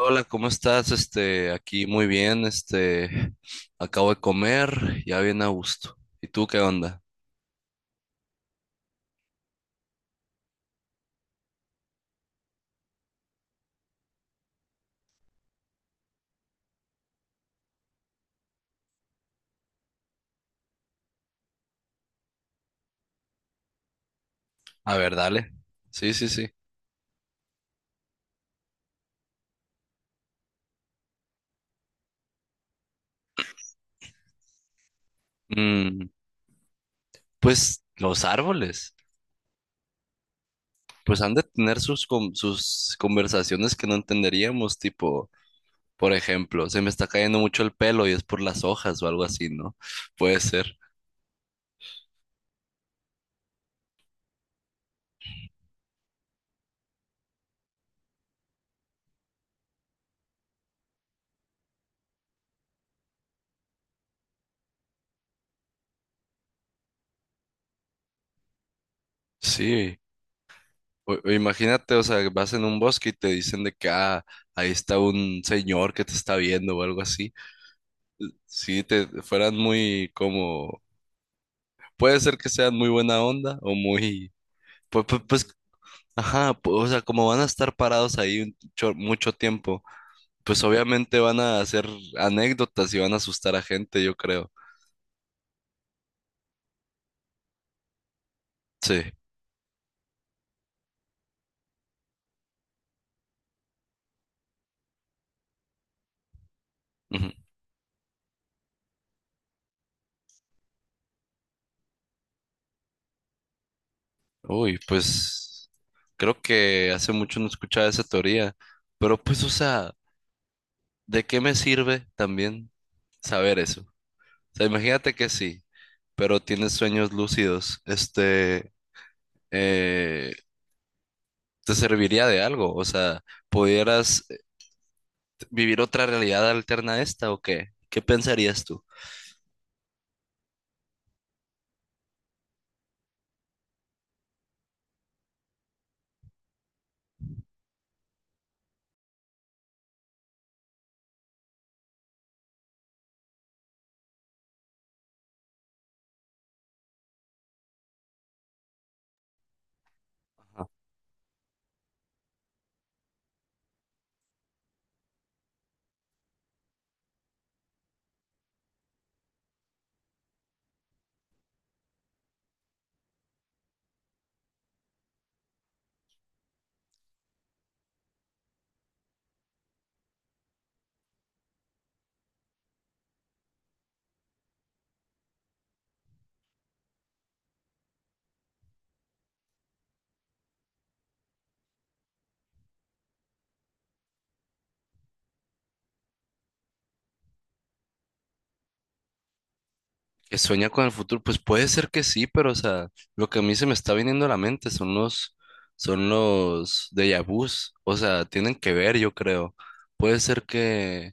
Hola, ¿cómo estás? Aquí muy bien, acabo de comer, ya bien a gusto. ¿Y tú qué onda? A ver, dale. Sí, sí, sí. Mm, pues los árboles, pues han de tener sus conversaciones que no entenderíamos, tipo, por ejemplo, se me está cayendo mucho el pelo y es por las hojas o algo así, ¿no? Puede ser. Sí. O imagínate, o sea, vas en un bosque y te dicen de que, ah, ahí está un señor que te está viendo o algo así. Si te fueran muy como, puede ser que sean muy buena onda o muy, pues, pues, pues, ajá, o sea, como van a estar parados ahí mucho tiempo, pues obviamente van a hacer anécdotas y van a asustar a gente, yo creo. Sí. Ujú. Uy, pues creo que hace mucho no escuchaba esa teoría, pero pues, o sea, ¿de qué me sirve también saber eso? O sea, imagínate que sí, pero tienes sueños lúcidos, eh, ¿te serviría de algo? O sea, ¿pudieras vivir otra realidad alterna a esta o qué? ¿Qué pensarías tú? Ajá. ¿Que sueña con el futuro? Pues puede ser que sí, pero o sea, lo que a mí se me está viniendo a la mente son los déjà vus. O sea, tienen que ver, yo creo. Puede ser que,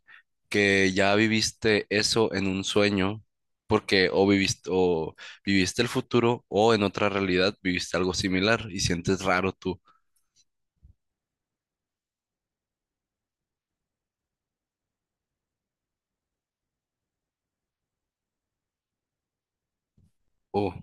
que ya viviste eso en un sueño, porque o viviste el futuro o en otra realidad viviste algo similar y sientes raro tú. Oh.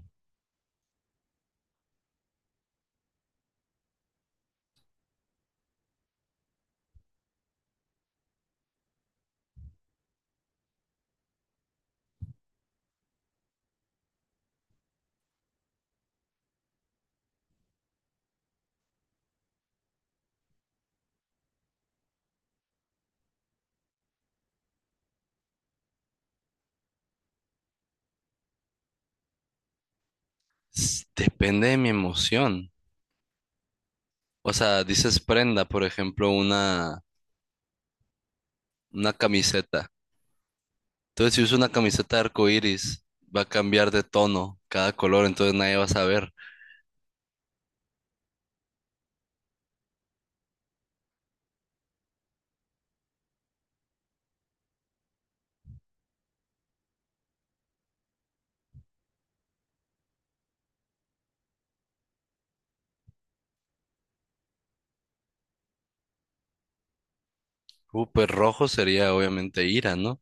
Depende de mi emoción. O sea, dices prenda, por ejemplo, una camiseta. Entonces, si uso una camiseta de arco iris, va a cambiar de tono cada color, entonces nadie va a saber. Pues rojo sería obviamente ira, ¿no?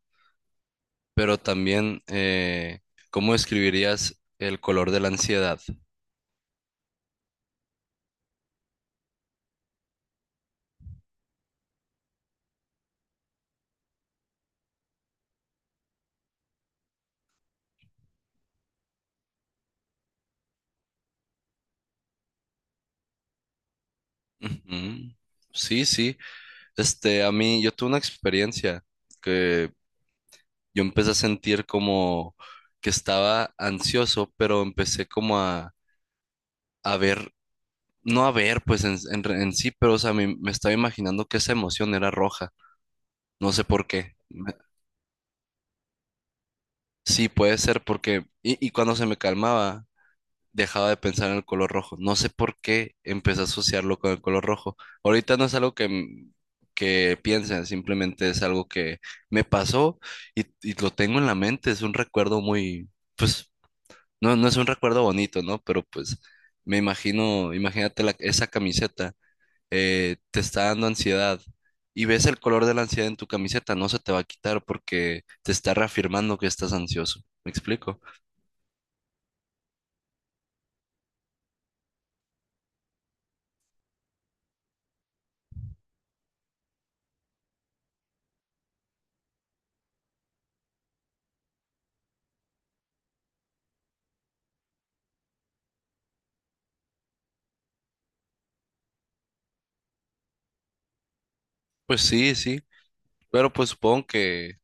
Pero también, ¿cómo describirías el color de la ansiedad? Ujú. Sí, sí. A mí, yo tuve una experiencia que yo empecé a sentir como que estaba ansioso, pero empecé como a ver, no a ver, pues en sí, pero o sea, me estaba imaginando que esa emoción era roja. No sé por qué. Sí, puede ser porque, y cuando se me calmaba, dejaba de pensar en el color rojo. No sé por qué empecé a asociarlo con el color rojo. Ahorita no es algo que piensen, simplemente es algo que me pasó y lo tengo en la mente. Es un recuerdo muy, pues, no es un recuerdo bonito, ¿no? Pero pues me imagino, imagínate esa camiseta. Eh, te está dando ansiedad y ves el color de la ansiedad en tu camiseta, no se te va a quitar porque te está reafirmando que estás ansioso. ¿Me explico? Pues sí, sí, pero pues supongo que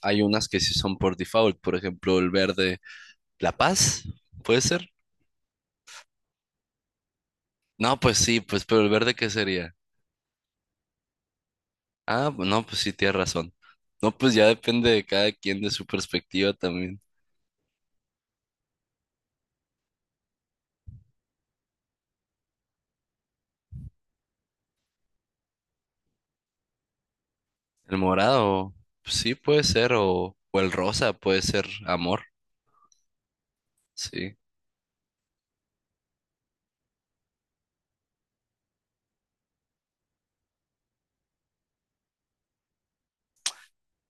hay unas que sí son por default, por ejemplo, el verde, la paz, ¿puede ser? No, pues sí, pues pero el verde ¿qué sería? Ah, no, pues sí, tienes razón. No, pues ya depende de cada quien de su perspectiva también. El morado, pues sí puede ser, o el rosa puede ser amor, sí.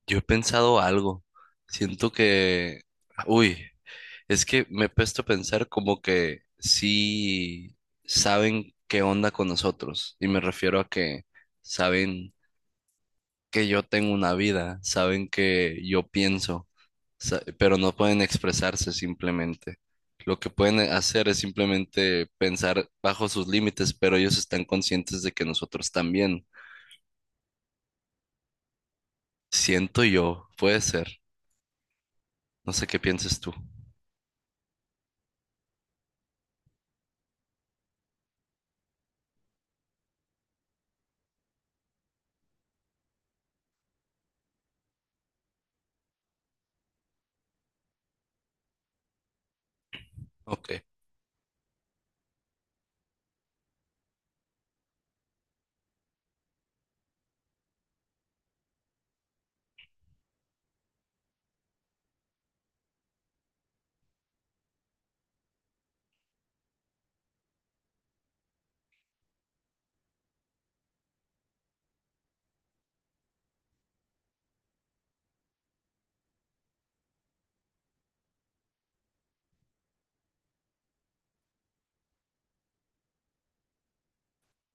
Yo he pensado algo. Siento que, uy, es que me he puesto a pensar como que sí saben qué onda con nosotros. Y me refiero a que saben que yo tengo una vida, saben que yo pienso, pero no pueden expresarse simplemente. Lo que pueden hacer es simplemente pensar bajo sus límites, pero ellos están conscientes de que nosotros también. Siento yo, puede ser. No sé qué pienses tú. Ok.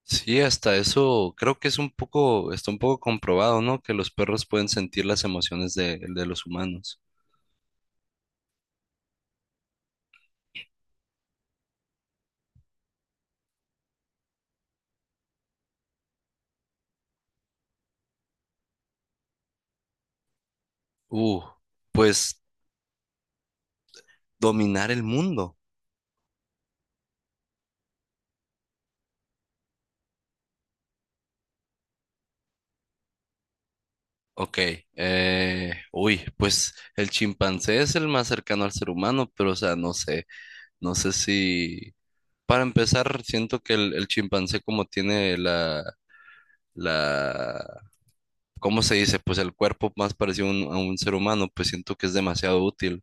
Sí, hasta eso creo que es un poco, está un poco comprobado, ¿no? Que los perros pueden sentir las emociones de los humanos. Uh, pues dominar el mundo. Ok, uy, pues el chimpancé es el más cercano al ser humano, pero o sea, no sé, no sé si... Para empezar, siento que el chimpancé como tiene la, ¿cómo se dice? Pues el cuerpo más parecido a un ser humano, pues siento que es demasiado útil.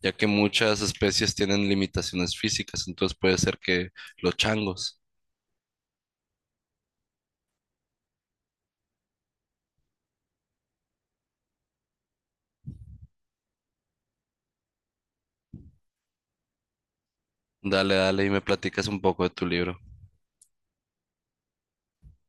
Ya que muchas especies tienen limitaciones físicas, entonces puede ser que los changos. Dale, dale y me platicas un poco de tu libro.